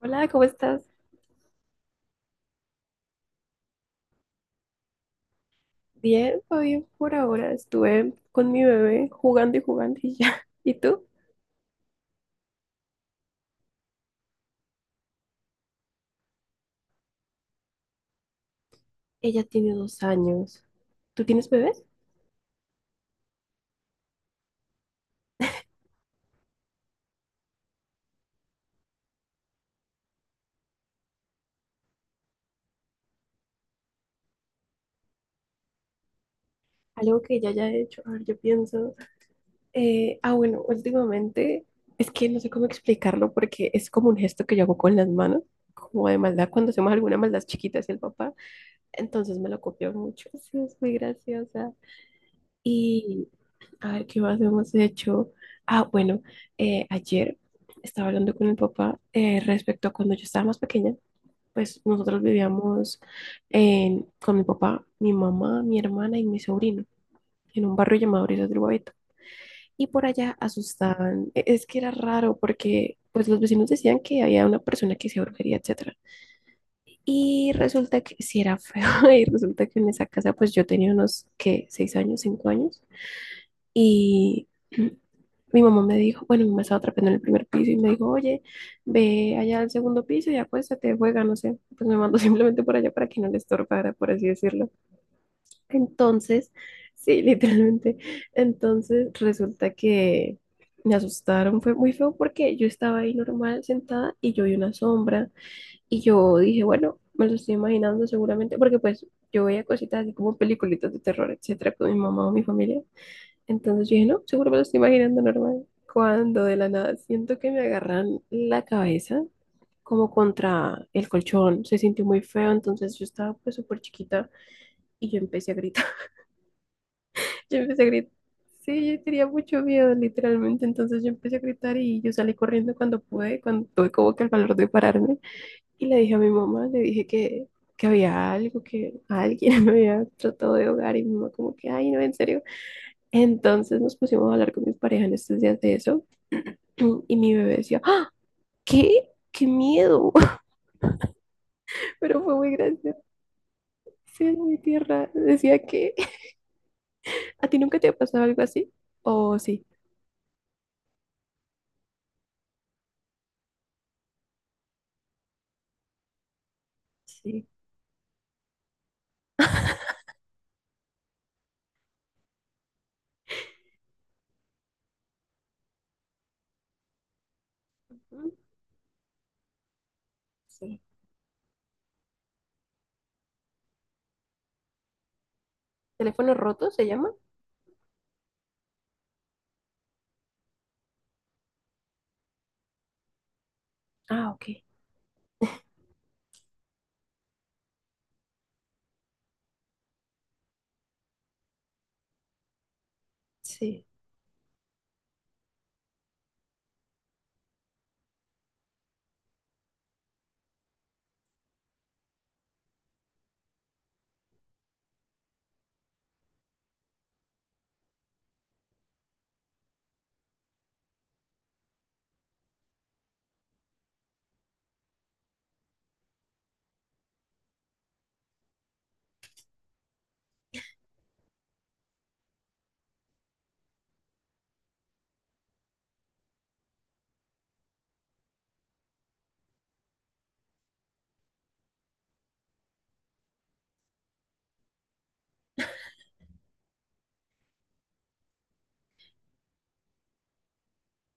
Hola, ¿cómo estás? Bien, todo bien por ahora. Estuve con mi bebé jugando y jugando y ya. ¿Y tú? Ella tiene 2 años. ¿Tú tienes bebés? Algo que ella haya hecho. A ver, yo pienso. Bueno, últimamente es que no sé cómo explicarlo porque es como un gesto que yo hago con las manos, como de maldad cuando hacemos alguna maldad chiquita hacia el papá. Entonces me lo copió mucho. Sí, es muy graciosa. Y. A ver, ¿qué más hemos hecho? Bueno, ayer estaba hablando con mi papá, respecto a cuando yo estaba más pequeña. Pues nosotros vivíamos con mi papá, mi mamá, mi hermana y mi sobrino en un barrio llamado Brisas del Guavito. Y por allá asustaban. Es que era raro porque pues los vecinos decían que había una persona que hacía brujería, etcétera. Y resulta que sí era feo. Y resulta que en esa casa pues yo tenía unos, ¿qué? ¿6 años? ¿5 años? Y mi mamá me dijo, bueno, mi mamá estaba trepando en el primer piso y me dijo, oye, ve allá al segundo piso y acuéstate, juega, no sé. Pues me mandó simplemente por allá para que no le estorbara, por así decirlo. Entonces, sí, literalmente. Entonces resulta que me asustaron, fue muy feo porque yo estaba ahí normal sentada y yo vi una sombra, y yo dije, bueno, me lo estoy imaginando seguramente, porque pues yo veía cositas así como peliculitas de terror, etcétera, con mi mamá o mi familia. Entonces yo dije, no, seguro me lo estoy imaginando normal. Cuando de la nada siento que me agarran la cabeza como contra el colchón, se sintió muy feo, entonces yo estaba pues súper chiquita y yo empecé a gritar, yo empecé a gritar. Sí, yo tenía mucho miedo, literalmente. Entonces yo empecé a gritar y yo salí corriendo cuando pude, cuando tuve como que el valor de pararme. Y le dije a mi mamá, le dije que había algo, que alguien me había tratado de ahogar. Y mi mamá como que, ay, no, en serio. Entonces nos pusimos a hablar con mis pareja en estos días de eso y mi bebé decía, ¡Ah! ¿Qué? ¡Qué miedo! Pero fue muy gracioso, sí, mi tierra. Decía que a ti nunca te ha pasado algo así. ¿O sí? Sí. Mm. Sí. ¿Teléfono roto se llama? Ah, ok. Sí,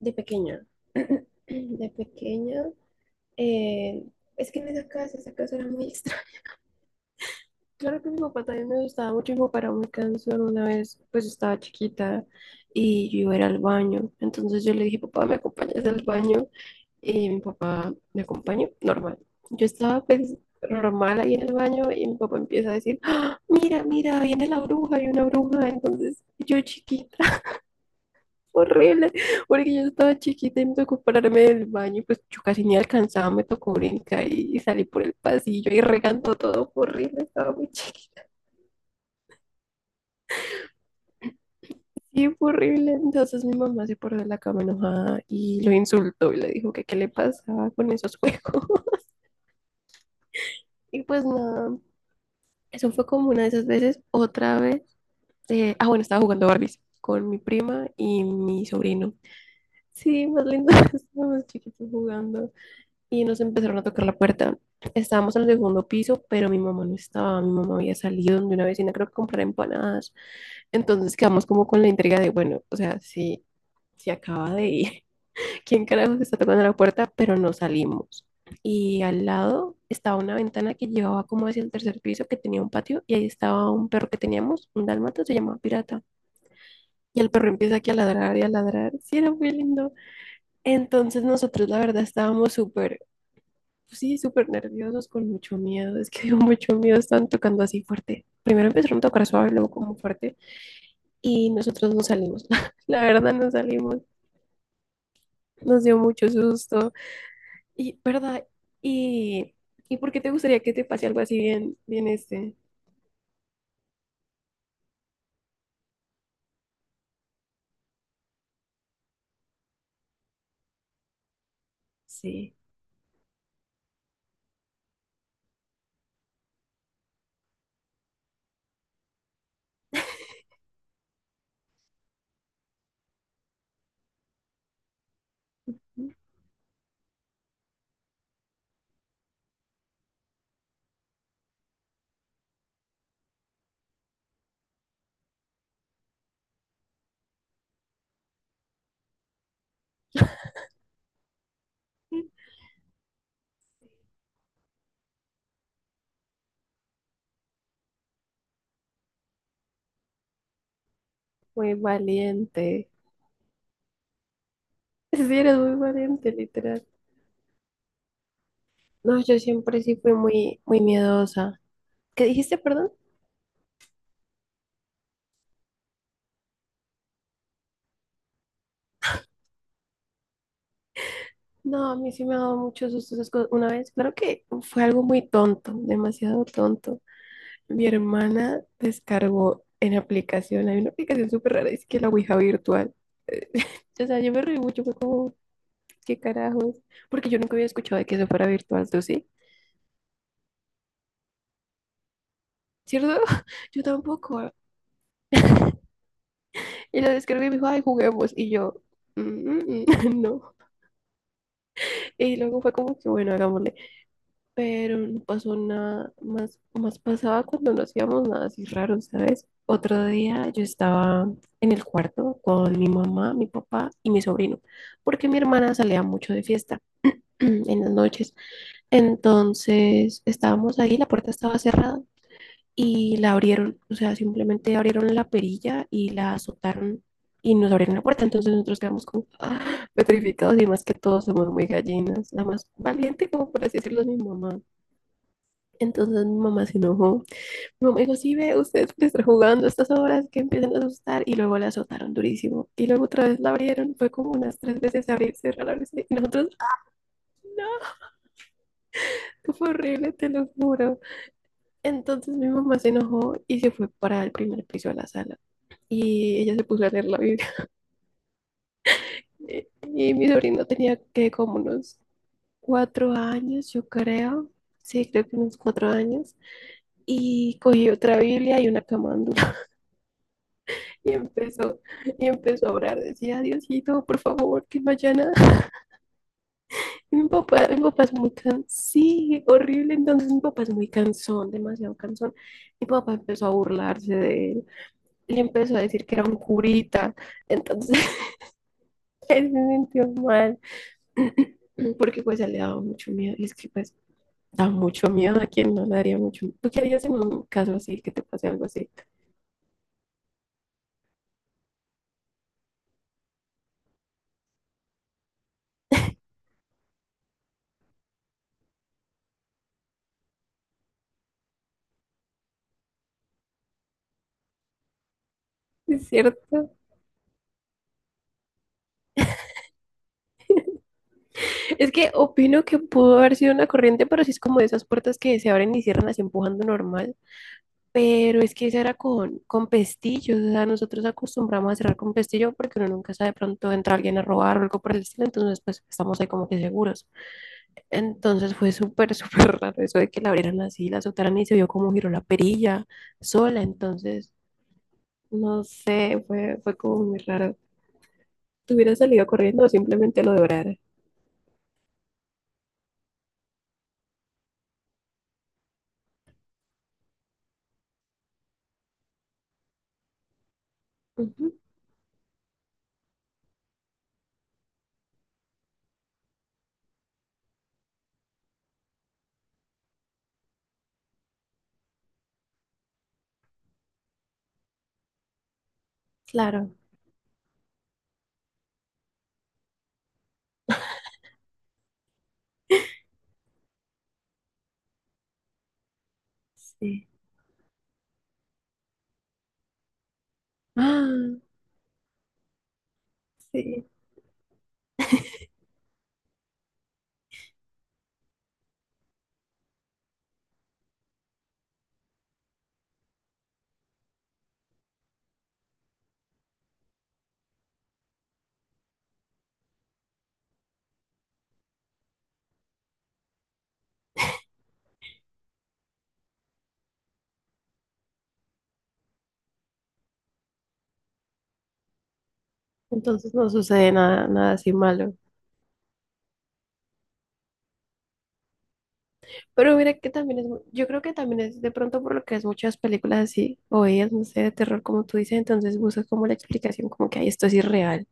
de pequeña. De pequeña. eh, es que en esa casa era muy extraña. Claro que mi papá también me gustaba mucho y me paraba muy cansón una vez, pues estaba chiquita y yo iba a ir al baño. Entonces yo le dije, papá, ¿me acompañas al baño? Y mi papá me acompañó, normal. Yo estaba pues normal ahí en el baño y mi papá empieza a decir, "¡Ah! Mira, mira, viene la bruja, hay una bruja". Entonces yo chiquita, horrible, porque yo estaba chiquita y me tocó pararme del baño, pues yo casi ni alcanzaba, me tocó brincar y salí por el pasillo y regando todo, horrible, estaba muy chiquita. Sí, fue horrible. Entonces mi mamá se paró de la cama enojada y lo insultó y le dijo que qué le pasaba con esos juegos. Y pues nada, eso fue como una de esas veces. Otra vez, bueno, estaba jugando Barbies con mi prima y mi sobrino. Sí, más lindo, estábamos chiquitos jugando y nos empezaron a tocar la puerta. Estábamos en el segundo piso, pero mi mamá no estaba. Mi mamá había salido de una vecina, creo que comprar empanadas. Entonces quedamos como con la intriga de, bueno, o sea, si, si acaba de ir, quién carajos está tocando la puerta, pero no salimos. Y al lado estaba una ventana que llevaba como hacia el tercer piso, que tenía un patio, y ahí estaba un perro que teníamos, un dálmata, se llamaba Pirata. Y el perro empieza aquí a ladrar y a ladrar. Sí, era muy lindo. Entonces nosotros, la verdad, estábamos súper, pues sí, súper nerviosos, con mucho miedo. Es que dio mucho miedo, estaban tocando así fuerte. Primero empezaron a tocar suave, luego como fuerte, y nosotros no salimos. La verdad, no salimos. Nos dio mucho susto. Y, ¿verdad? ¿Y, ¿y por qué te gustaría que te pase algo así bien, bien este? Sí. Muy valiente. Sí, eres muy valiente, literal. No, yo siempre sí fui muy, muy miedosa. ¿Qué dijiste, perdón? No, a mí sí me ha dado muchos sustos esas cosas. Una vez, claro que fue algo muy tonto, demasiado tonto. Mi hermana descargó en aplicación, hay una aplicación súper rara, es que la Ouija virtual. O sea, yo me reí mucho, fue como, ¿qué carajos? Porque yo nunca había escuchado de que eso fuera virtual, ¿tú sí? ¿Cierto? Yo tampoco. Y la descargué y me dijo, ay, juguemos. Y yo, "Mm, mm, mm, no". Y luego fue como que, bueno, hagámosle. Pero no pasó nada. Más, más pasaba cuando no hacíamos nada así raro, ¿sabes? Otro día yo estaba en el cuarto con mi mamá, mi papá y mi sobrino, porque mi hermana salía mucho de fiesta en las noches. Entonces estábamos ahí, la puerta estaba cerrada y la abrieron, o sea, simplemente abrieron la perilla y la azotaron y nos abrieron la puerta. Entonces nosotros quedamos como ¡ah!, petrificados, y más que todos somos muy gallinas, la más valiente, como por así decirlo, es mi mamá. Entonces mi mamá se enojó. Mi mamá dijo, sí, ve, ustedes pueden estar jugando a estas horas que empiezan a asustar, y luego la azotaron durísimo. Y luego otra vez la abrieron, fue como unas 3 veces abrir, cerrar, abrirse. Y nosotros, no, fue horrible, te lo juro. Entonces mi mamá se enojó y se fue para el primer piso de la sala. Y ella se puso a leer la Biblia. Eh, Y mi sobrino tenía que como unos 4 años, yo creo. Sí, creo que unos 4 años. Y cogió otra Biblia y una camándula. Y empezó, y empezó a orar. Decía, Diosito, por favor, que no haya nada. Y mi papá es muy cansón. Sí, horrible. Entonces mi papá es muy cansón, demasiado cansón. Mi papá empezó a burlarse de él. Le empezó a decir que era un curita. Entonces él se sintió mal. Porque pues a él le daba mucho miedo. Y es que pues da mucho miedo, a quien no le daría mucho miedo. ¿Tú qué harías en un caso así, que te pase algo así? Es cierto. Es que opino que pudo haber sido una corriente, pero sí es como de esas puertas que se abren y cierran así empujando normal. Pero es que esa era con pestillo. O sea, nosotros acostumbramos a cerrar con pestillo porque uno nunca sabe, de pronto entra alguien a robar o algo por el estilo. Entonces, pues estamos ahí como que seguros. Entonces fue súper, súper raro eso de que la abrieran así, la soltaran y se vio cómo giró la perilla sola. Entonces, no sé, fue, fue como muy raro. ¿Te hubieras salido corriendo o simplemente lo devorara? Ujú, claro, sí. Ah, sí. Entonces no sucede nada, nada así malo. Pero mira que también es, yo creo que también es de pronto por lo que es muchas películas así, o ellas, no sé, de terror, como tú dices, entonces buscas como la explicación, como que, ay, esto es irreal.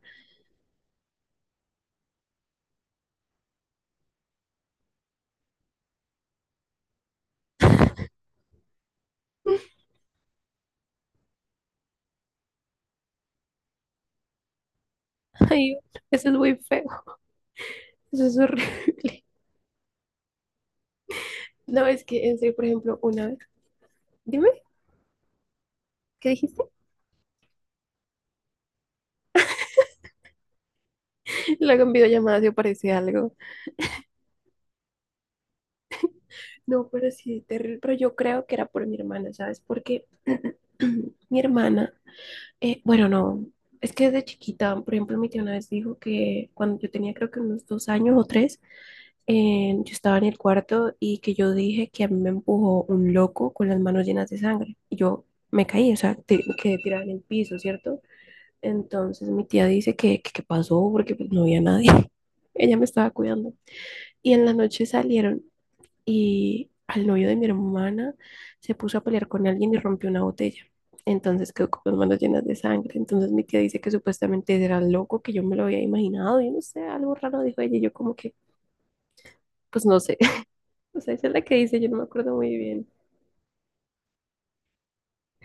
Ay, eso es muy feo, eso es horrible. No, es que en serio, por ejemplo, una vez, dime, ¿qué dijiste? Luego en videollamada si aparece algo. No, pero sí, terrible, pero yo creo que era por mi hermana, ¿sabes? Porque mi hermana, bueno, no, es que desde chiquita, por ejemplo, mi tía una vez dijo que cuando yo tenía creo que unos 2 años o 3, yo estaba en el cuarto y que yo dije que a mí me empujó un loco con las manos llenas de sangre. Y yo me caí, o sea, quedé tirada en el piso, ¿cierto? Entonces mi tía dice que pasó porque pues, no había nadie. Ella me estaba cuidando. Y en la noche salieron y al novio de mi hermana se puso a pelear con alguien y rompió una botella. Entonces quedó con las manos llenas de sangre. Entonces mi tía dice que supuestamente era loco, que yo me lo había imaginado. Y no sé, algo raro dijo ella. Y yo como que, pues no sé. O sea, esa es la que dice, yo no me acuerdo muy bien.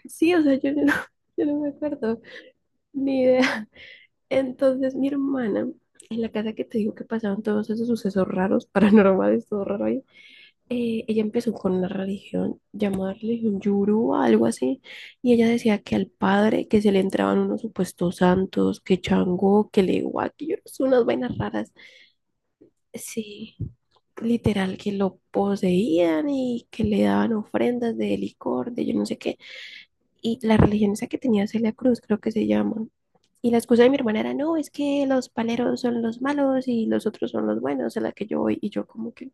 Sí, o sea, yo no, yo no me acuerdo, ni idea. Entonces mi hermana, en la casa que te digo que pasaban todos esos sucesos raros, paranormales, todo raro ahí, ella empezó con una religión llamada religión yoruba, algo así, y ella decía que al padre que se le entraban unos supuestos santos, que Changó, que Legua, que yo no sé, unas vainas raras. Sí, literal que lo poseían y que le daban ofrendas de licor, de yo no sé qué. Y la religión esa que tenía Celia Cruz, creo que se llama. Y la excusa de mi hermana era, no, es que los paleros son los malos y los otros son los buenos, a la que yo voy. Y yo como que,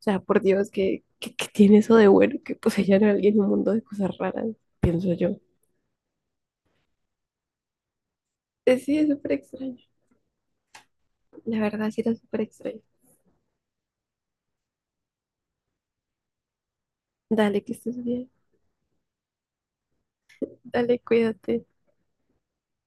o sea, por Dios, que tiene eso de bueno, que poseyan a alguien en un mundo de cosas raras? Pienso yo. Sí, es súper extraño. La verdad, sí era súper extraño. Dale, que estés bien. Dale, cuídate.